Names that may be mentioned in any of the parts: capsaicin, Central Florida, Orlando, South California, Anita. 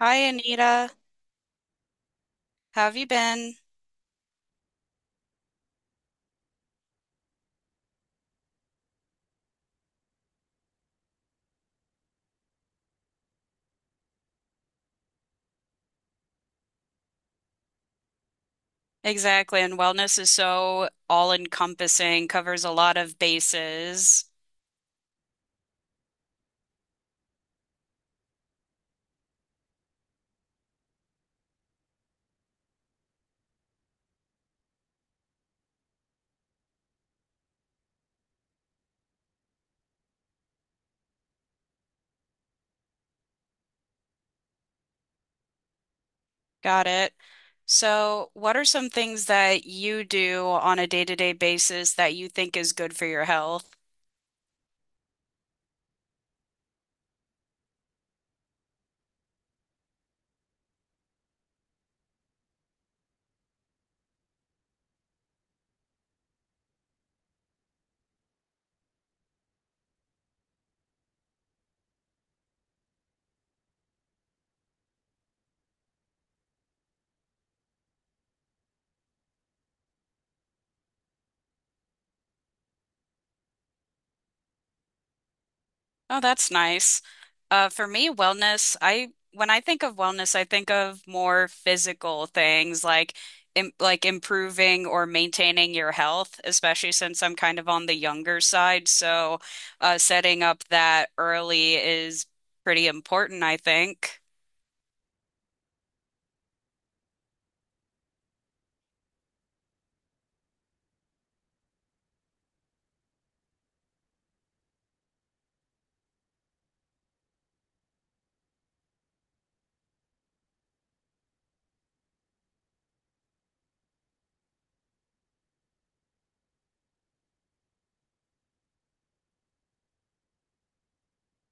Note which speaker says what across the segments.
Speaker 1: Hi, Anita. How have you been? Exactly. And wellness is so all-encompassing, covers a lot of bases. Got it. So, what are some things that you do on a day-to-day basis that you think is good for your health? Oh, that's nice. For me, wellness, I when I think of wellness, I think of more physical things like im like improving or maintaining your health, especially since I'm kind of on the younger side. So, setting up that early is pretty important, I think.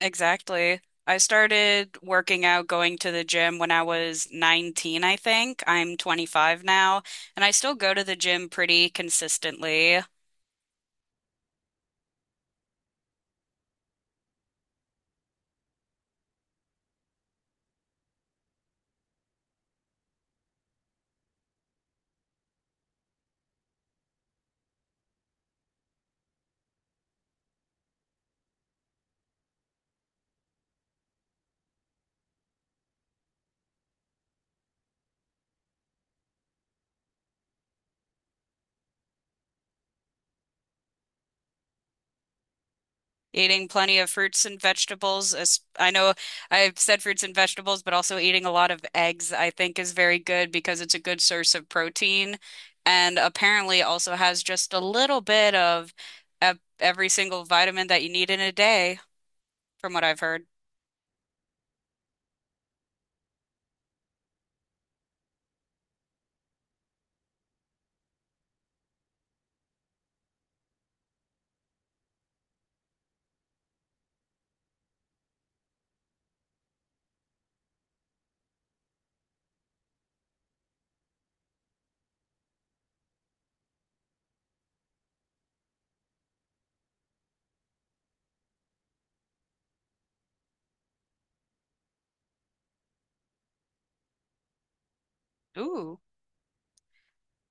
Speaker 1: Exactly. I started working out, going to the gym when I was 19, I think. I'm 25 now, and I still go to the gym pretty consistently. Eating plenty of fruits and vegetables. As I know I've said fruits and vegetables, but also eating a lot of eggs, I think, is very good because it's a good source of protein and apparently also has just a little bit of every single vitamin that you need in a day, from what I've heard. Ooh.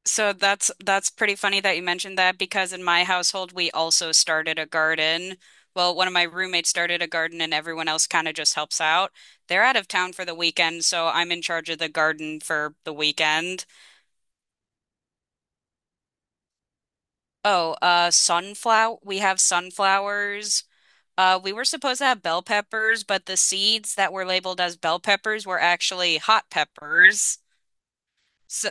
Speaker 1: So that's pretty funny that you mentioned that because in my household we also started a garden. Well, one of my roommates started a garden and everyone else kind of just helps out. They're out of town for the weekend, so I'm in charge of the garden for the weekend. Oh, sunflower, we have sunflowers. Uh, we were supposed to have bell peppers, but the seeds that were labeled as bell peppers were actually hot peppers. So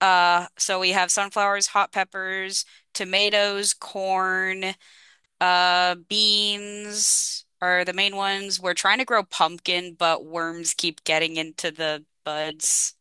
Speaker 1: so we have sunflowers, hot peppers, tomatoes, corn. Beans are the main ones. We're trying to grow pumpkin, but worms keep getting into the buds.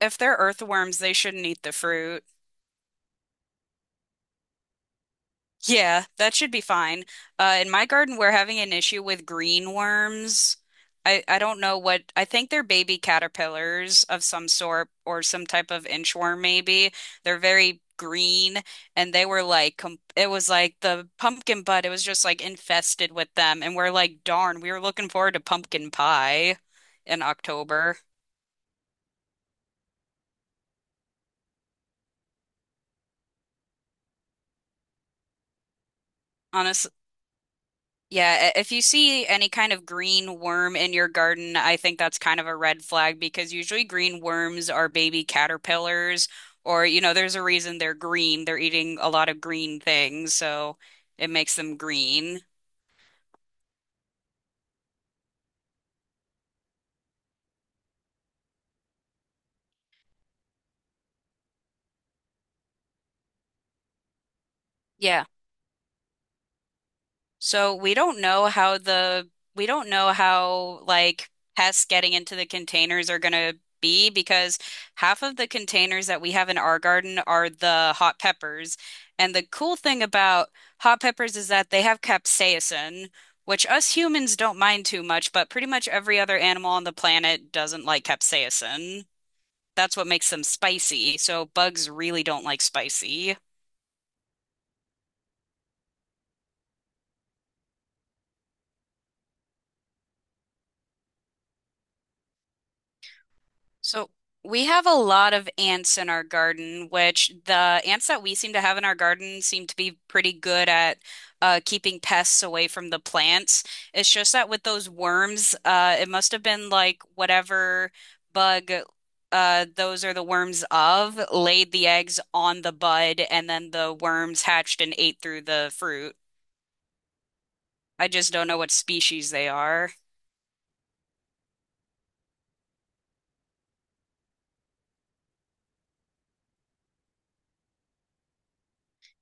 Speaker 1: If they're earthworms, they shouldn't eat the fruit. Yeah, that should be fine. In my garden, we're having an issue with green worms. I don't know what, I think they're baby caterpillars of some sort or some type of inchworm, maybe. They're very green and they were like, com it was like the pumpkin bud, it was just like infested with them. And we're like, darn, we were looking forward to pumpkin pie in October. Yeah, if you see any kind of green worm in your garden, I think that's kind of a red flag because usually green worms are baby caterpillars, or, you know, there's a reason they're green. They're eating a lot of green things, so it makes them green. Yeah. So we don't know how the we don't know how like pests getting into the containers are gonna be because half of the containers that we have in our garden are the hot peppers. And the cool thing about hot peppers is that they have capsaicin, which us humans don't mind too much, but pretty much every other animal on the planet doesn't like capsaicin. That's what makes them spicy. So bugs really don't like spicy. So we have a lot of ants in our garden, which the ants that we seem to have in our garden seem to be pretty good at keeping pests away from the plants. It's just that with those worms, it must have been like whatever bug, those are the worms of laid the eggs on the bud, and then the worms hatched and ate through the fruit. I just don't know what species they are.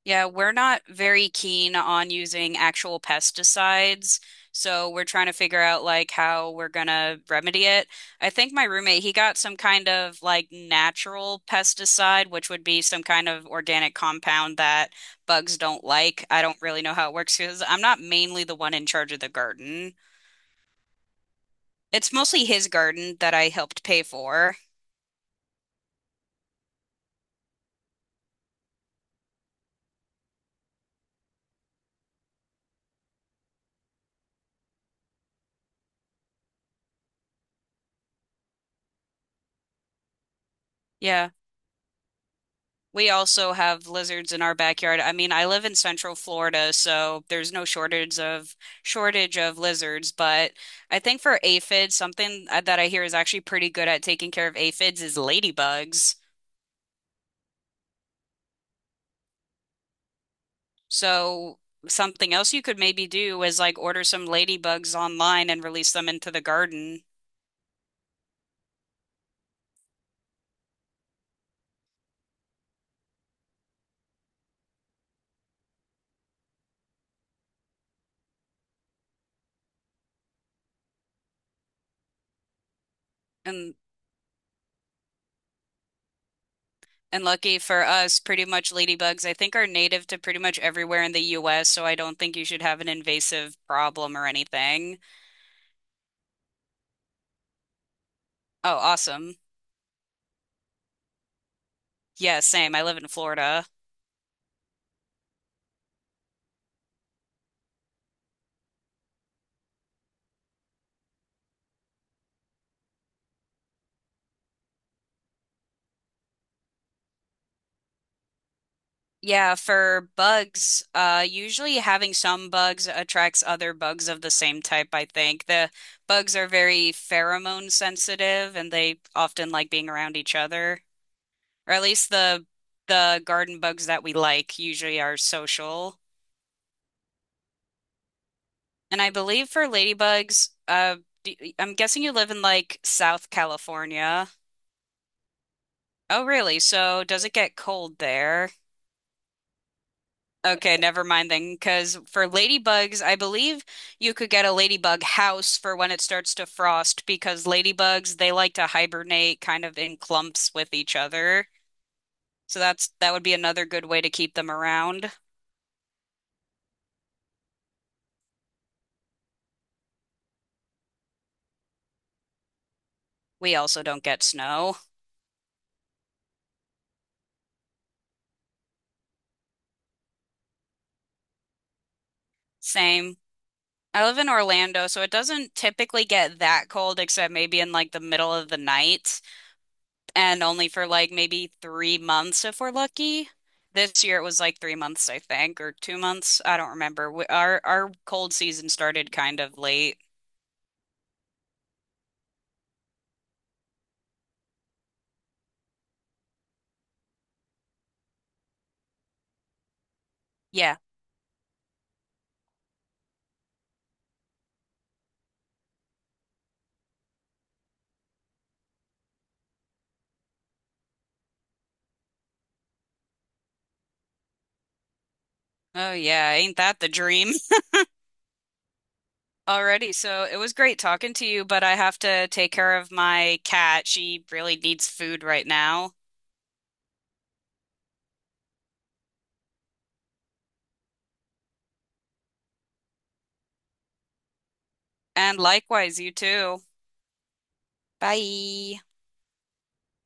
Speaker 1: Yeah, we're not very keen on using actual pesticides, so we're trying to figure out like how we're gonna remedy it. I think my roommate, he got some kind of like natural pesticide, which would be some kind of organic compound that bugs don't like. I don't really know how it works because I'm not mainly the one in charge of the garden. It's mostly his garden that I helped pay for. Yeah. We also have lizards in our backyard. I mean, I live in Central Florida, so there's no shortage of lizards, but I think for aphids, something that I hear is actually pretty good at taking care of aphids is ladybugs. So something else you could maybe do is like order some ladybugs online and release them into the garden. And and lucky for us, pretty much ladybugs I think are native to pretty much everywhere in the US, so I don't think you should have an invasive problem or anything. Oh, awesome. Yeah, same. I live in Florida. Yeah, for bugs, usually having some bugs attracts other bugs of the same type, I think. The bugs are very pheromone sensitive and they often like being around each other. Or at least the garden bugs that we like usually are social. And I believe for ladybugs, I'm guessing you live in like South California. Oh, really? So does it get cold there? Okay, never mind then, because for ladybugs, I believe you could get a ladybug house for when it starts to frost because ladybugs, they like to hibernate kind of in clumps with each other. So that would be another good way to keep them around. We also don't get snow. Same. I live in Orlando, so it doesn't typically get that cold except maybe in like the middle of the night. And only for like maybe 3 months if we're lucky. This year it was like 3 months, I think, or 2 months. I don't remember. Our cold season started kind of late. Yeah. Oh yeah, ain't that the dream? Already. So it was great talking to you, but I have to take care of my cat. She really needs food right now. And likewise, you too. Bye.